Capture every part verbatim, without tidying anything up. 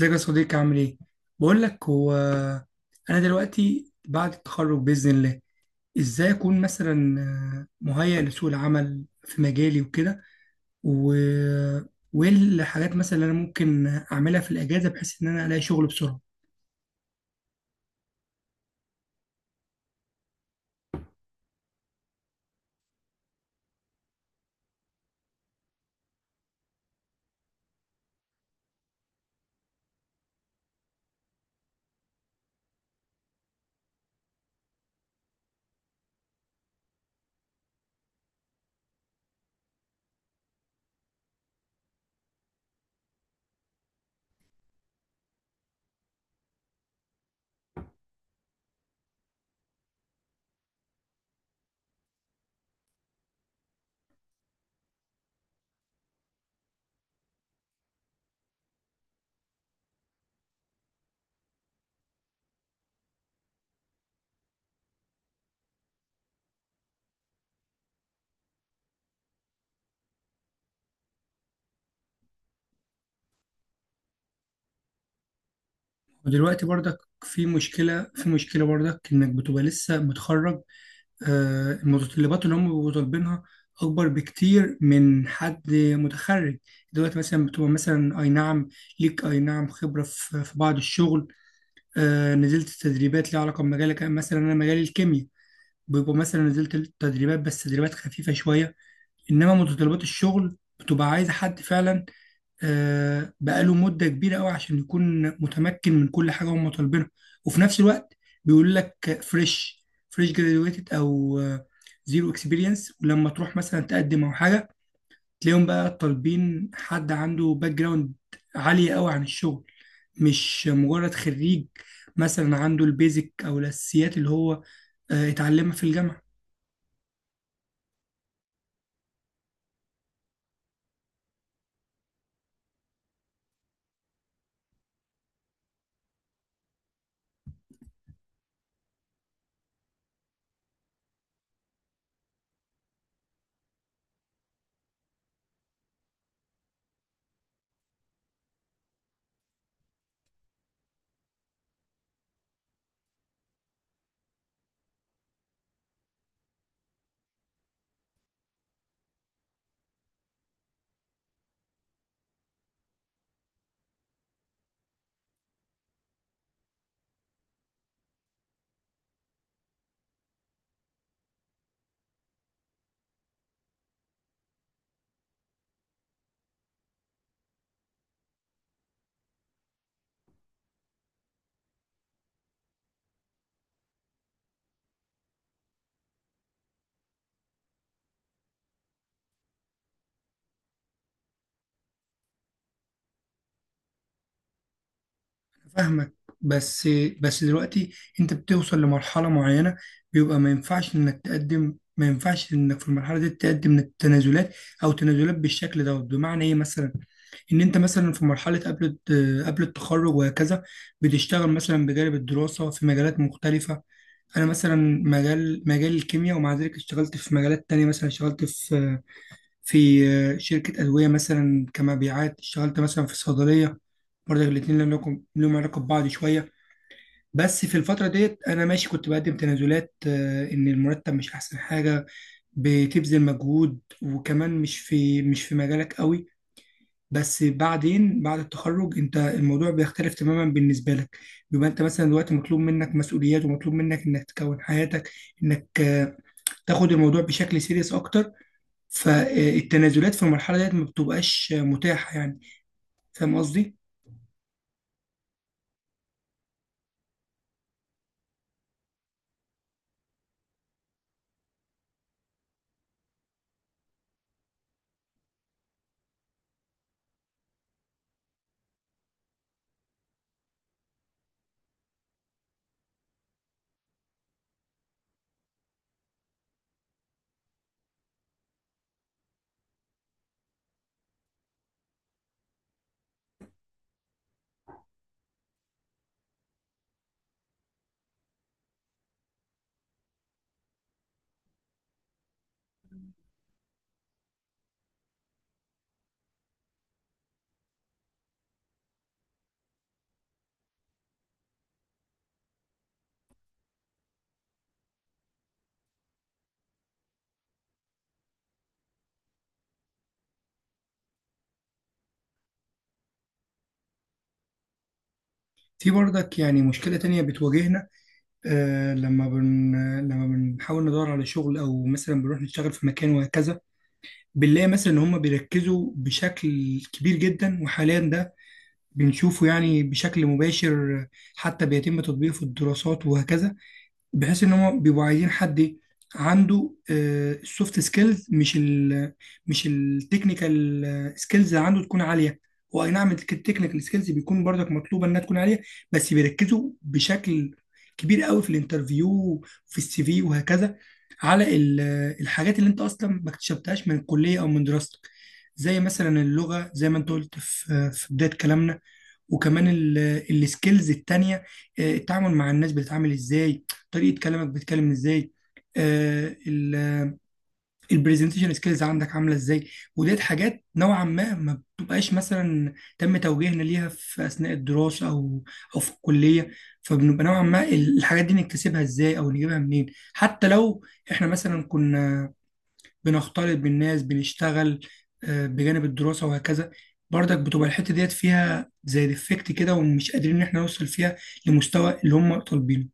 ازيك يا صديقي؟ عامل ايه؟ بقول لك هو انا دلوقتي بعد التخرج باذن الله ازاي اكون مثلا آه، مهيئ لسوق العمل في مجالي وكده و... وايه الحاجات مثلا اللي انا ممكن اعملها في الاجازه بحيث ان انا الاقي شغل بسرعه. ودلوقتي برضك في مشكله، في مشكله برضك انك بتبقى لسه متخرج. آه، المتطلبات اللي هم بيبقوا طالبينها اكبر بكتير من حد متخرج. دلوقتي مثلا بتبقى مثلا اي نعم، ليك اي نعم خبره في في بعض الشغل، آه، نزلت تدريبات ليها علاقه بمجالك. أنا مثلا، انا مجالي الكيمياء، بيبقى مثلا نزلت تدريبات بس تدريبات خفيفه شويه، انما متطلبات الشغل بتبقى عايزه حد فعلا آه، بقاله مدة كبيرة قوي عشان يكون متمكن من كل حاجة هم طالبينها. وفي نفس الوقت بيقول لك فريش فريش جراديويتد او زيرو اكسبيرينس. ولما تروح مثلا تقدم او حاجة، تلاقيهم بقى طالبين حد عنده باك جراوند عالية قوي عن الشغل، مش مجرد خريج مثلا عنده البيزك او الاساسيات اللي هو آه، اتعلمها في الجامعة. فاهمك. بس، بس دلوقتي انت بتوصل لمرحلة معينة بيبقى ما ينفعش انك تقدم، ما ينفعش انك في المرحلة دي تقدم التنازلات او تنازلات بالشكل ده. بمعنى ايه مثلا؟ ان انت مثلا في مرحله قبل قبل التخرج وهكذا بتشتغل مثلا بجانب الدراسه في مجالات مختلفه. انا مثلا مجال مجال الكيمياء، ومع ذلك اشتغلت في مجالات تانية. مثلا اشتغلت في في آه، شركة أدوية مثلا كمبيعات، اشتغلت مثلا في صيدلية، برضه الاتنين لهم علاقة- لهم علاقة ببعض شوية. بس في الفترة ديت أنا ماشي كنت بقدم تنازلات آه، إن المرتب مش أحسن حاجة، بتبذل مجهود، وكمان مش في مش في مجالك قوي. بس بعدين بعد التخرج أنت الموضوع بيختلف تماما بالنسبة لك. بيبقى أنت مثلا دلوقتي مطلوب منك مسؤوليات، ومطلوب منك إنك تكون حياتك، إنك آه، تاخد الموضوع بشكل سيريس أكتر. فالتنازلات في المرحلة ديت ما بتبقاش متاحة يعني. فاهم قصدي؟ في برضك يعني مشكلة تانية بتواجهنا. آه لما بن لما بنحاول ندور على شغل، أو مثلا بنروح نشتغل في مكان وهكذا، بنلاقي مثلا إن هما بيركزوا بشكل كبير جدا، وحاليا ده بنشوفه يعني بشكل مباشر، حتى بيتم تطبيقه في الدراسات وهكذا، بحيث ان هم بيبقوا عايزين حد عنده السوفت سكيلز، مش ال مش التكنيكال سكيلز، اللي عنده تكون عاليه. هو اي نعم التكنيكال سكيلز بيكون برضك مطلوبه انها تكون عاليه، بس بيركزوا بشكل كبير قوي في الانترفيو، في السي في وهكذا على ال- الحاجات اللي انت اصلا ما اكتسبتهاش من الكليه او من دراستك. زي مثلا اللغه، زي ما انت قلت في في بدايه كلامنا، وكمان ال- السكيلز التانية. آه، التعامل مع الناس بتتعامل ازاي، طريقة كلامك بتتكلم ازاي، آه، ال- البرزنتيشن سكيلز عندك عاملة ازاي. وديت حاجات نوعا ما ما بتبقاش مثلا تم توجيهنا ليها في أثناء الدراسة، أو أو في الكلية. فبنبقى نوعا ما ال- الحاجات دي نكتسبها ازاي أو نجيبها منين؟ حتى لو احنا مثلا كنا بنختلط بالناس، بنشتغل آه، بجانب الدراسة وهكذا، برضك بتبقى الحتة ديت فيها زي ديفكت كده، ومش قادرين إن احنا نوصل فيها لمستوى اللي هم طالبينه.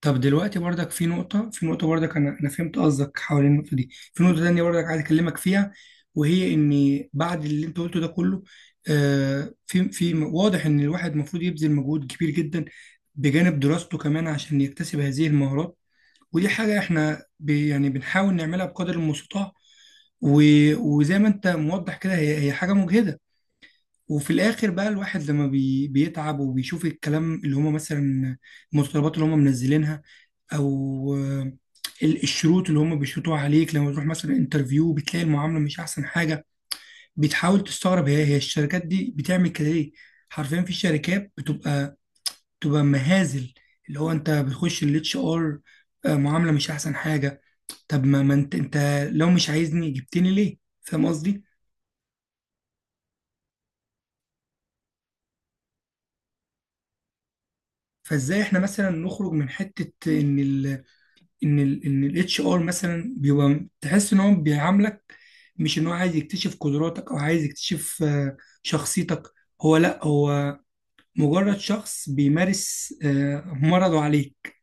طب دلوقتي برضك في نقطة، في نقطة برضك. أنا أنا فهمت قصدك حوالين النقطة دي. في نقطة تانية برضك عايز أكلمك فيها، وهي إن بعد اللي أنت قلته ده كله، آه، في في واضح إن الواحد المفروض يبذل مجهود كبير جدا بجانب دراسته كمان عشان يكتسب هذه المهارات. ودي حاجة احنا ب- يعني بنحاول نعملها بقدر المستطاع. و- وزي ما انت موضح كده، هي هي حاجه مجهده. وفي الاخر بقى الواحد لما بي بيتعب وبيشوف الكلام اللي هم مثلا المتطلبات اللي هم منزلينها، او آه، ال- الشروط اللي هم بيشروطوها عليك لما تروح مثلا انترفيو، بتلاقي المعامله مش احسن حاجه. بتحاول تستغرب، هي هي الشركات دي بتعمل كده ليه؟ حرفيا في شركات بتبقى بتبقى مهازل. اللي هو انت بتخش الاتش ار، معامله مش احسن حاجه. طب ما ما انت انت لو مش عايزني جبتني ليه؟ فاهم قصدي؟ فازاي احنا مثلا نخرج من حته ان ال ان ال ان الاتش ار مثلا بيبقى تحس ان هو بيعاملك مش ان هو عايز يكتشف قدراتك، او عايز يكتشف آه، شخصيتك؟ هو لا هو مجرد شخص بيمارس آه، مرضه عليك.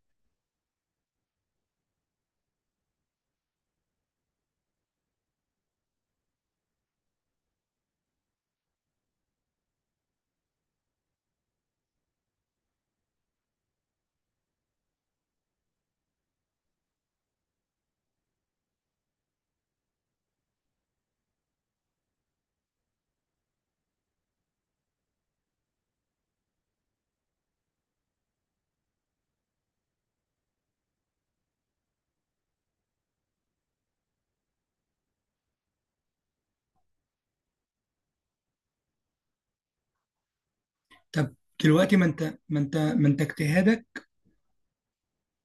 طب دلوقتي ما انت ما انت ما انت اجتهادك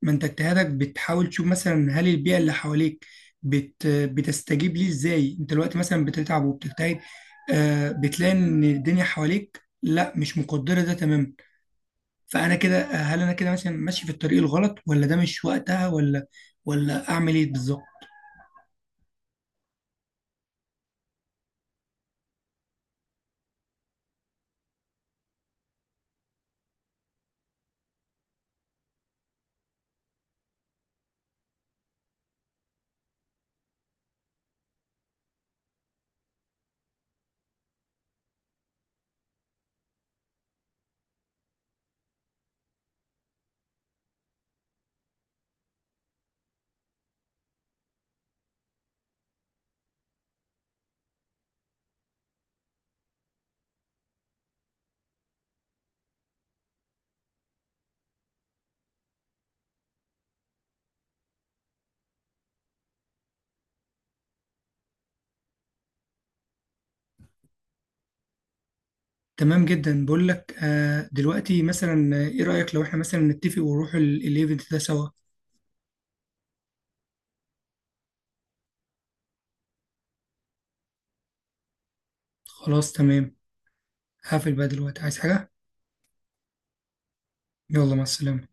ما انت اجتهادك بتحاول تشوف مثلا هل البيئه اللي حواليك بت بتستجيب ليه ازاي. انت دلوقتي مثلا بتتعب وبتجتهد، آه، بتلاقي ان الدنيا حواليك لا، مش مقدره ده تماما. فانا كده، هل انا كده مثلا ماشي في الطريق الغلط، ولا ده مش وقتها، ولا ولا اعمل ايه بالظبط؟ تمام جدا. بقول لك آه، دلوقتي مثلا، آه، ايه رايك لو احنا مثلا نتفق ونروح ال- الايفنت ده سوا؟ خلاص تمام. هقفل بقى دلوقتي، عايز حاجه؟ يلا، مع السلامه.